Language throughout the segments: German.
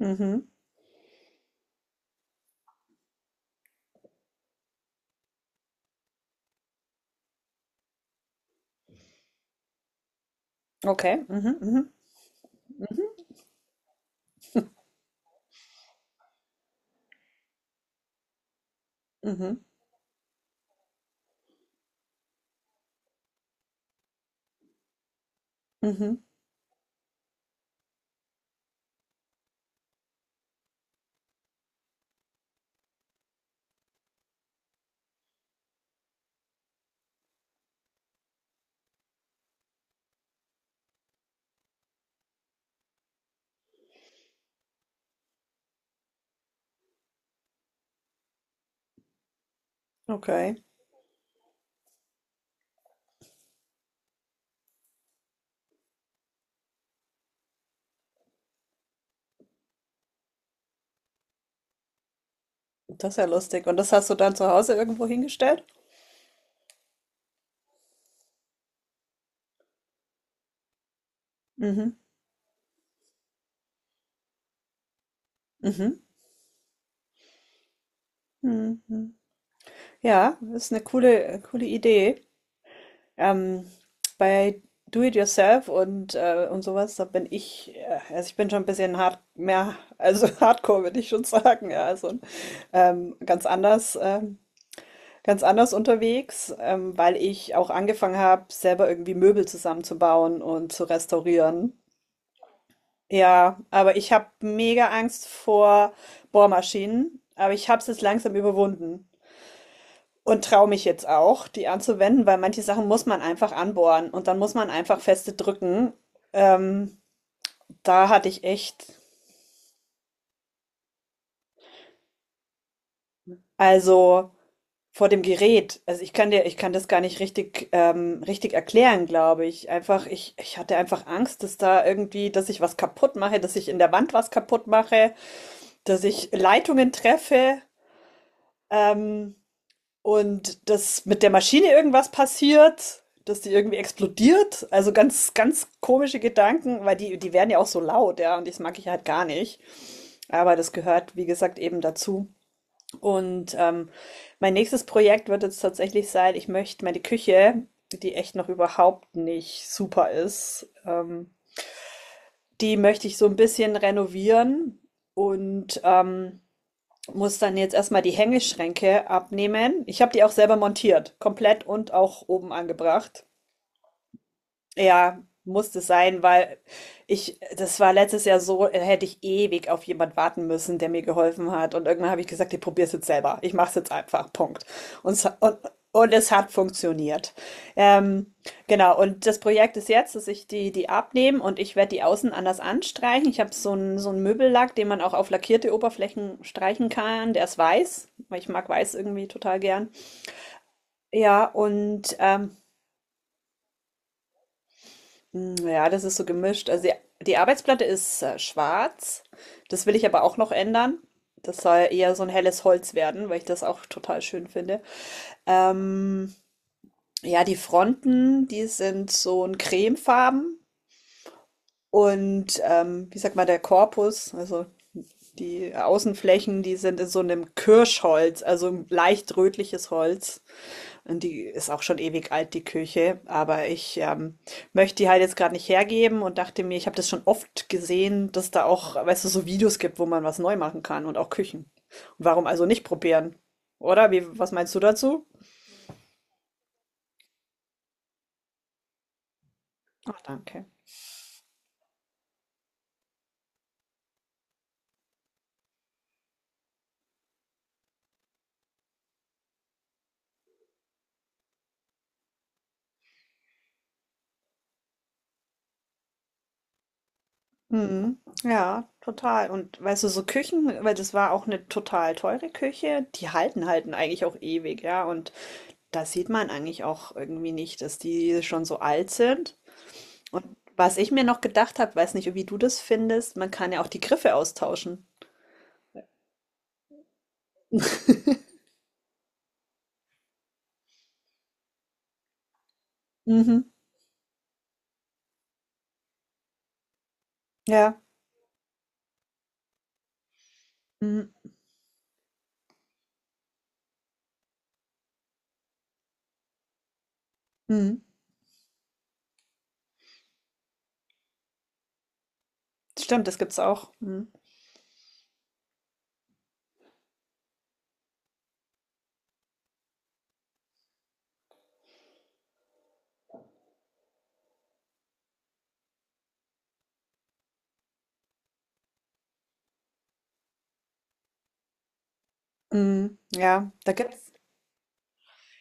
Mhm. Okay. Mhm, mhm, mhm, mhm. Okay. Das ist ja lustig. Und das hast du dann zu Hause irgendwo hingestellt? Mhm. Mhm. Mhm. Ja, das ist eine coole, coole Idee. Ähm, Bei Do It Yourself und sowas, da bin ich, also ich bin schon ein bisschen hart, mehr, also Hardcore würde ich schon sagen, ja, also ähm, ganz anders, ähm, ganz anders unterwegs, weil ich auch angefangen habe, selber irgendwie Möbel zusammenzubauen und zu restaurieren. Ja, aber ich habe mega Angst vor Bohrmaschinen, aber ich habe es jetzt langsam überwunden und traue mich jetzt auch, die anzuwenden, weil manche Sachen muss man einfach anbohren und dann muss man einfach feste drücken. Ähm, Da hatte ich echt, also vor dem Gerät, also ich kann dir, ich kann das gar nicht richtig, richtig erklären, glaube ich. Einfach, ich hatte einfach Angst, dass da irgendwie, dass ich was kaputt mache, dass ich in der Wand was kaputt mache, dass ich Leitungen treffe. Ähm, Und dass mit der Maschine irgendwas passiert, dass die irgendwie explodiert. Also ganz, ganz komische Gedanken, weil die, die werden ja auch so laut, ja, und das mag ich halt gar nicht. Aber das gehört, wie gesagt, eben dazu. Und mein nächstes Projekt wird jetzt tatsächlich sein, ich möchte meine Küche, die echt noch überhaupt nicht super ist, die möchte ich so ein bisschen renovieren und muss dann jetzt erstmal die Hängeschränke abnehmen. Ich habe die auch selber montiert, komplett und auch oben angebracht. Ja, musste sein, weil ich, das war letztes Jahr so, hätte ich ewig auf jemand warten müssen, der mir geholfen hat. Und irgendwann habe ich gesagt, ich probiere es jetzt selber. Ich mache es jetzt einfach. Punkt. Und, es- und, und es hat funktioniert. Ähm, genau, und das Projekt ist jetzt, dass ich die abnehme und ich werde die außen anders anstreichen. Ich habe so einen Möbellack, den man auch auf lackierte Oberflächen streichen kann. Der ist weiß, weil ich mag weiß irgendwie total gern. Ja, und hm, ja, das ist so gemischt. Also die, die Arbeitsplatte ist schwarz. Das will ich aber auch noch ändern. Das soll eher so ein helles Holz werden, weil ich das auch total schön finde. Ähm, ja, die Fronten, die sind so ein cremefarben. Und wie sagt man, der Korpus, also die Außenflächen, die sind in so einem Kirschholz, also ein leicht rötliches Holz. Und die ist auch schon ewig alt, die Küche. Aber ich möchte die halt jetzt gerade nicht hergeben und dachte mir, ich habe das schon oft gesehen, dass da auch, weißt du, so Videos gibt, wo man was neu machen kann und auch Küchen. Und warum also nicht probieren? Oder? Wie, was meinst du dazu? Ach, danke. Mhm. Ja, total. Und weißt du, so Küchen, weil das war auch eine total teure Küche, die halten eigentlich auch ewig, ja. Und da sieht man eigentlich auch irgendwie nicht, dass die schon so alt sind. Und was ich mir noch gedacht habe, weiß nicht, wie du das findest, man kann ja auch die Griffe austauschen. Mhm. Ja. Mhm. Mhm. Stimmt, das gibt's auch. Mhm. Mhm. Ja, da gibt's.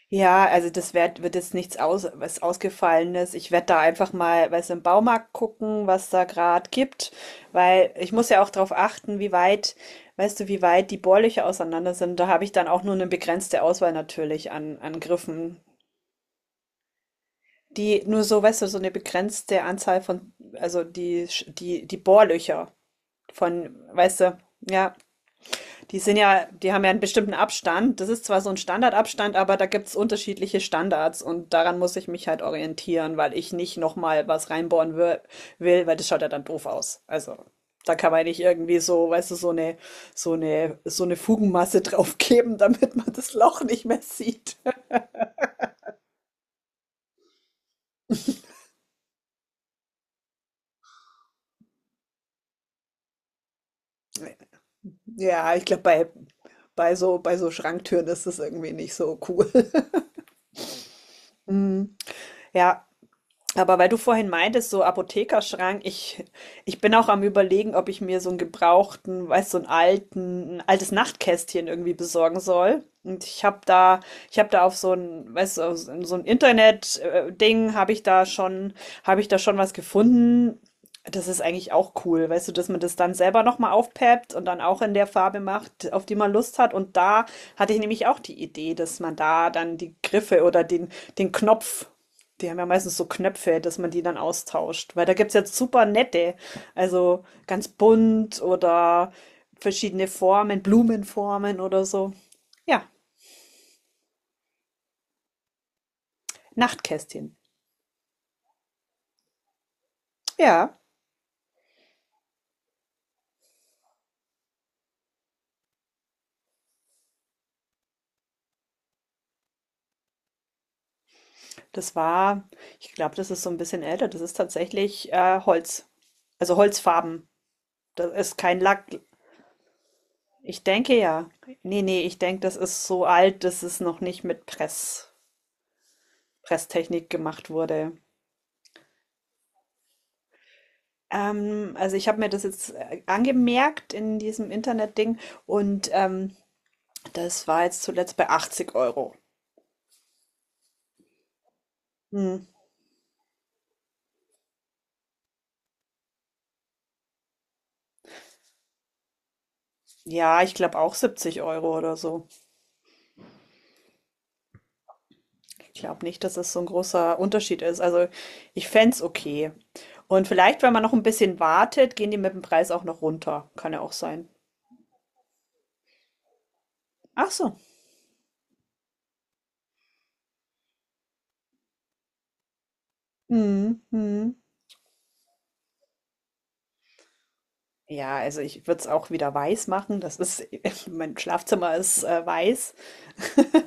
Ja, also das wird jetzt nichts aus, was Ausgefallenes. Ich werde da einfach mal, weiß im Baumarkt gucken, was da gerade gibt, weil ich muss ja auch darauf achten, wie weit, weißt du, wie weit die Bohrlöcher auseinander sind. Da habe ich dann auch nur eine begrenzte Auswahl natürlich an, an Griffen. Die nur so, weißt du, so eine begrenzte Anzahl von, also die Bohrlöcher von, weißt du, ja, die sind ja, die haben ja einen bestimmten Abstand. Das ist zwar so ein Standardabstand, aber da gibt es unterschiedliche Standards und daran muss ich mich halt orientieren, weil ich nicht nochmal was reinbohren will, weil das schaut ja dann doof aus. Also, da kann man ja nicht irgendwie so, weißt du, so eine Fugenmasse draufgeben, damit man das Loch nicht mehr sieht. Ja, ich glaube, bei so Schranktüren ist das irgendwie nicht so cool. Ja, aber weil du vorhin meintest, so Apothekerschrank, ich bin auch am Überlegen, ob ich mir so einen gebrauchten, weißt du, so einen alten, ein altes Nachtkästchen irgendwie besorgen soll. Und ich habe da auf so ein, weißt du, auf so ein Internet-Ding habe ich da schon was gefunden. Das ist eigentlich auch cool, weißt du, dass man das dann selber nochmal aufpeppt und dann auch in der Farbe macht, auf die man Lust hat. Und da hatte ich nämlich auch die Idee, dass man da dann die Griffe oder den Knopf, die haben ja meistens so Knöpfe, dass man die dann austauscht. Weil da gibt es jetzt super nette, also ganz bunt oder verschiedene Formen, Blumenformen oder so. Ja, Nachtkästchen. Ja, das war, ich glaube, das ist so ein bisschen älter. Das ist tatsächlich Holz. Also Holzfarben. Das ist kein Lack. Ich denke ja. Nee, nee, ich denke, das ist so alt, dass es noch nicht mit Presstechnik gemacht wurde. Also ich habe mir das jetzt angemerkt in diesem Internetding und das war jetzt zuletzt bei 80 Euro. Hm. Ja, ich glaube auch 70 Euro oder so. Ich glaube nicht, dass das so ein großer Unterschied ist. Also ich fände es okay. Und vielleicht, wenn man noch ein bisschen wartet, gehen die mit dem Preis auch noch runter. Kann ja auch sein. Ach so. Mhm. Mhm. Ja, also ich würde es auch wieder weiß machen. Das ist, mein Schlafzimmer ist weiß.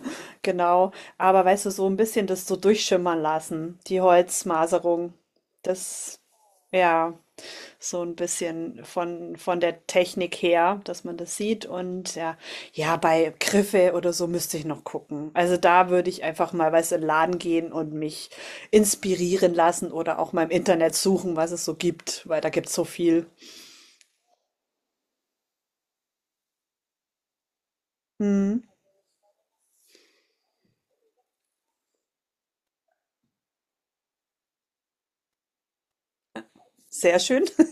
Genau, aber weißt du, so ein bisschen das so durchschimmern lassen, die Holzmaserung. Das ja, so ein bisschen von der Technik her, dass man das sieht und ja. Ja, bei Griffe oder so müsste ich noch gucken. Also, da würde ich einfach mal, weißt du, in 'n Laden gehen und mich inspirieren lassen oder auch mal im Internet suchen, was es so gibt, weil da gibt es so viel. Mhm. Sehr schön.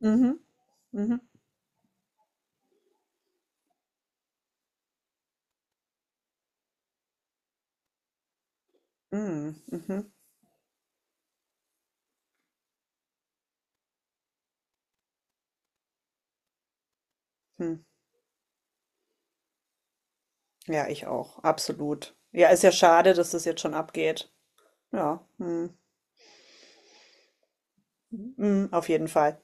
Mhm. Mhm. Mhm. Mhm. Hm. Ja, ich auch, absolut. Ja, ist ja schade, dass das jetzt schon abgeht. Ja, mm, mm, auf jeden Fall.